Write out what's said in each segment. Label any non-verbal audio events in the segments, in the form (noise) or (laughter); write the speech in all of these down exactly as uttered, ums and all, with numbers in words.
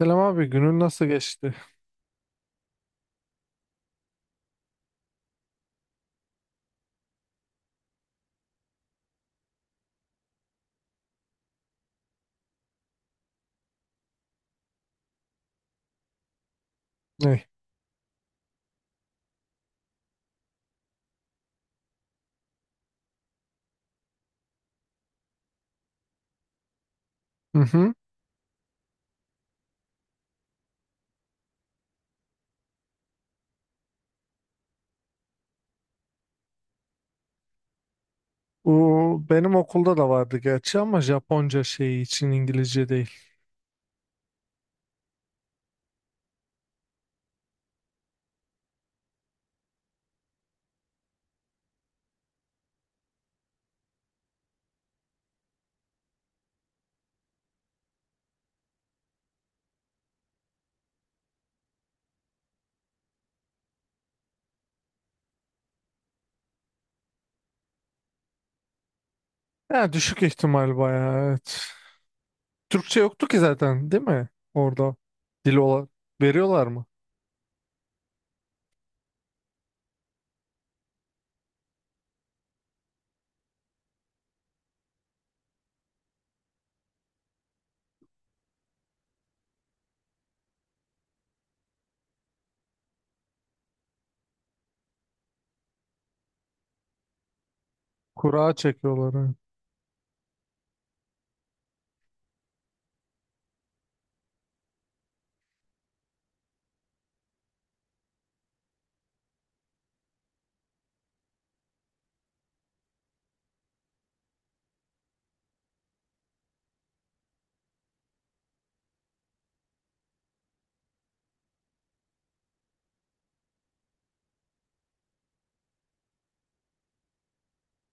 Selam abi, günün nasıl geçti? Ne? Hı hı. Bu benim okulda da vardı gerçi ama Japonca şeyi için, İngilizce değil. Ya, düşük ihtimal bayağı, evet. Türkçe yoktu ki zaten, değil mi? Orada dil olarak veriyorlar mı? Kura çekiyorlar. Ha.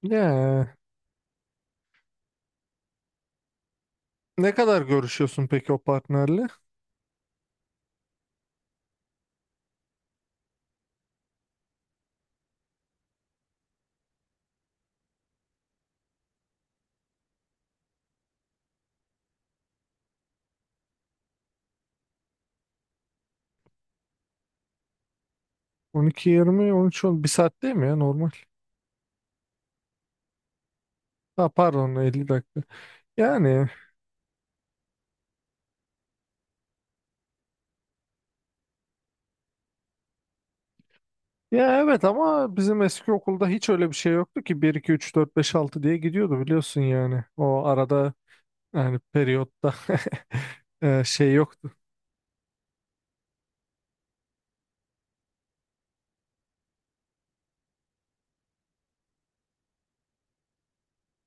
Ya, ne kadar görüşüyorsun peki o partnerle? On iki yirmi, on üç on bir saat değil mi ya, normal? Ha, pardon, elli dakika. Yani. Ya, evet, ama bizim eski okulda hiç öyle bir şey yoktu ki, bir iki üç dört beş altı diye gidiyordu, biliyorsun yani. O arada, yani periyotta (laughs) e, şey yoktu.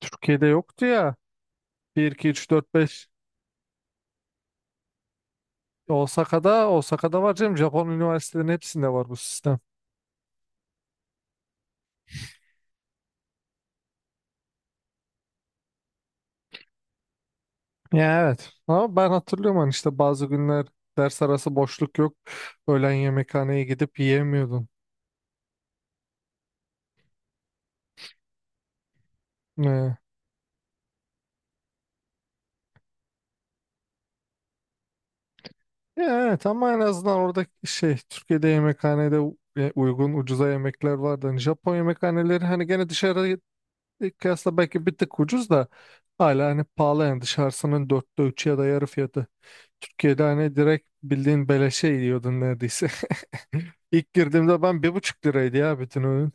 Türkiye'de yoktu ya. Bir iki üç dört beş. Osaka'da Osaka'da var canım. Japon üniversitelerinin hepsinde var bu sistem. Ya, evet. Ama ben hatırlıyorum, hani işte bazı günler ders arası boşluk yok. Öğlen yemekhaneye gidip yiyemiyordun. E, Ya, evet, ama en azından orada şey, Türkiye'de yemekhanede u- e, uygun, ucuza yemekler vardı. Hani Japon yemekhaneleri, hani gene dışarıya kıyasla belki bir tık ucuz da hala hani pahalı yani, dışarısının dörtte üçü ya da yarı fiyatı. Türkiye'de hani direkt bildiğin beleşe yiyordun neredeyse. (laughs) İlk girdiğimde ben, bir buçuk liraydı ya bütün öğün.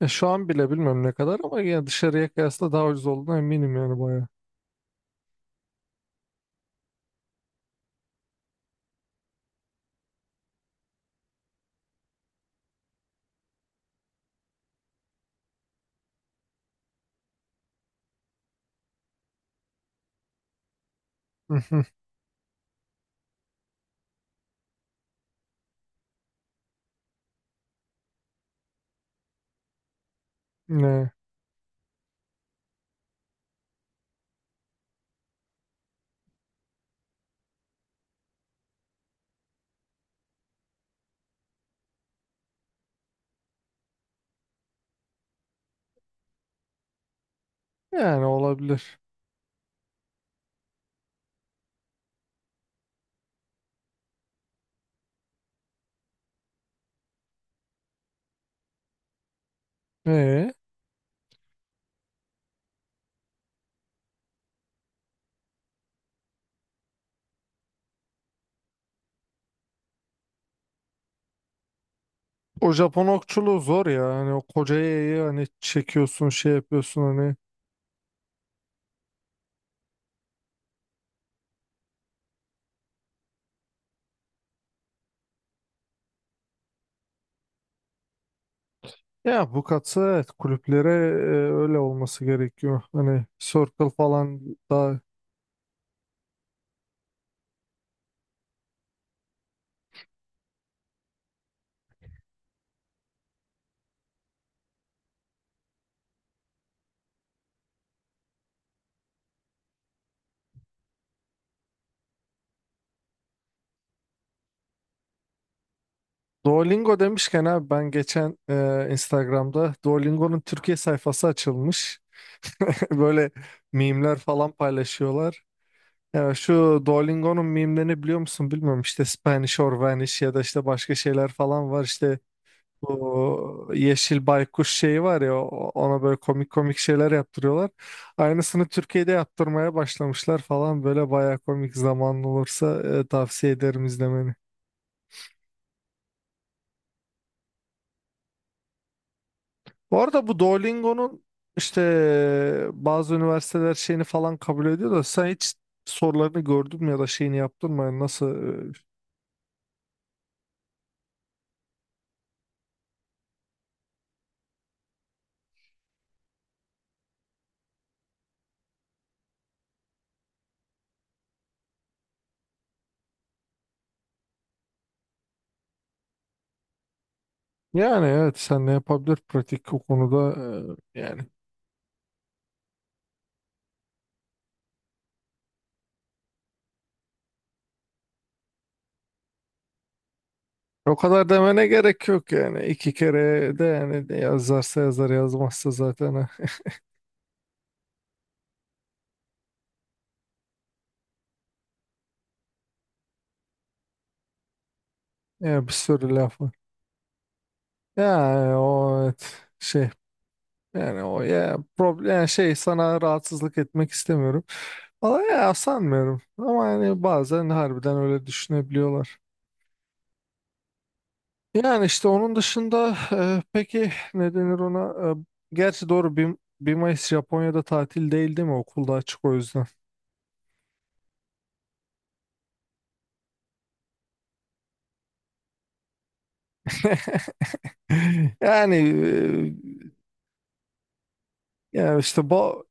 Ya şu an bile bilmiyorum ne kadar ama, yani dışarıya kıyasla daha ucuz olduğuna eminim yani, bayağı. (laughs) Ne? Yani olabilir. E? O Japon okçuluğu zor ya. Hani o koca yayı hani çekiyorsun, şey yapıyorsun hani. Ya, bu katı, evet, kulüplere e, öyle olması gerekiyor. Hani Circle falan da. Duolingo demişken abi, ben geçen e, Instagram'da Duolingo'nun Türkiye sayfası açılmış. (laughs) Böyle mimler falan paylaşıyorlar. Ya şu Duolingo'nun mimlerini biliyor musun, bilmiyorum. İşte Spanish or Vanish ya da işte başka şeyler falan var. İşte bu yeşil baykuş şeyi var ya, o- ona böyle komik komik şeyler yaptırıyorlar. Aynısını Türkiye'de yaptırmaya başlamışlar falan, böyle baya komik. Zamanlı olursa e, tavsiye ederim izlemeni. Bu arada bu Duolingo'nun işte e, bazı üniversiteler şeyini falan kabul ediyor da, sen hiç sorularını gördün mü ya da şeyini yaptın mı? Yani, nasıl? e, Yani, evet, sen ne yapabilir pratik o konuda, e, yani. O kadar demene gerek yok yani. İki kere de yani, de yazarsa yazar, yazmazsa zaten eh, ya, bir sürü laf var. Yani o, evet, şey, yani o, ya problem yani, şey, sana rahatsızlık etmek istemiyorum. Valla ya, sanmıyorum, ama yani bazen harbiden öyle düşünebiliyorlar. Yani işte onun dışında, eh, peki ne denir ona? Eh, gerçi, doğru bir... 1 Mayıs Japonya'da tatil değil, değil mi? Okulda açık o yüzden. (laughs) Yani, eh, yani işte bu.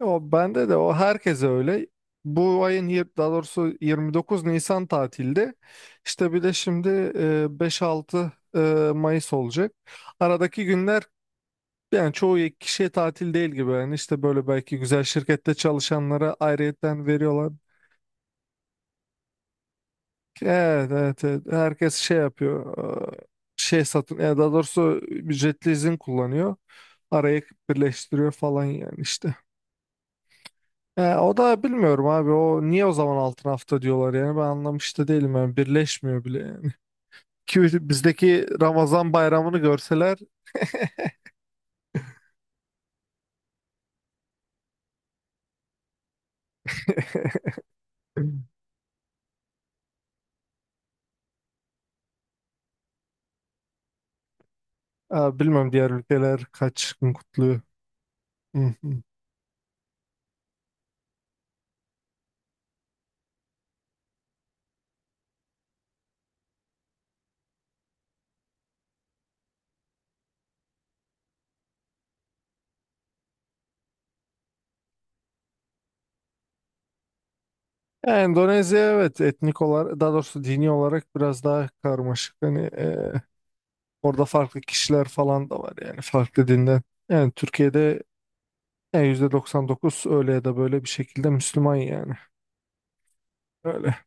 O, bende de, o herkese öyle. Bu ayın yir- daha doğrusu 29 Nisan tatilde. İşte bir de şimdi e, beş altı e, Mayıs olacak. Aradaki günler yani çoğu kişiye tatil değil gibi. Yani işte böyle belki güzel şirkette çalışanlara ayrıyetten veriyorlar. Evet, evet, evet. Herkes şey yapıyor. e, Şey satın, yani daha doğrusu ücretli izin kullanıyor. Araya birleştiriyor falan yani, işte. E, o da bilmiyorum abi. O niye o zaman altın hafta diyorlar yani, ben anlamış da değilim yani, birleşmiyor bile yani. (laughs) Ki bizdeki Ramazan bayramını görseler... (clears throat) e, Bilmem diğer ülkeler kaç gün kutluyor. Hı hı. Yani Endonezya, evet, etnik olarak, daha doğrusu dini olarak biraz daha karmaşık. Hani e, orada farklı kişiler falan da var yani, farklı dinden. Yani Türkiye'de yani yüzde doksan dokuz öyle ya da böyle bir şekilde Müslüman yani. Öyle.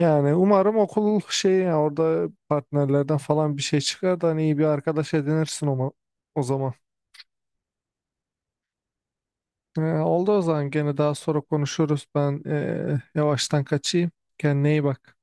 Yani umarım okul şey, ya orada partnerlerden falan bir şey çıkar da hani iyi bir arkadaş edinirsin o, o zaman. Ee, oldu, o zaman gene daha sonra konuşuruz. Ben ee, yavaştan kaçayım. Kendine iyi bak.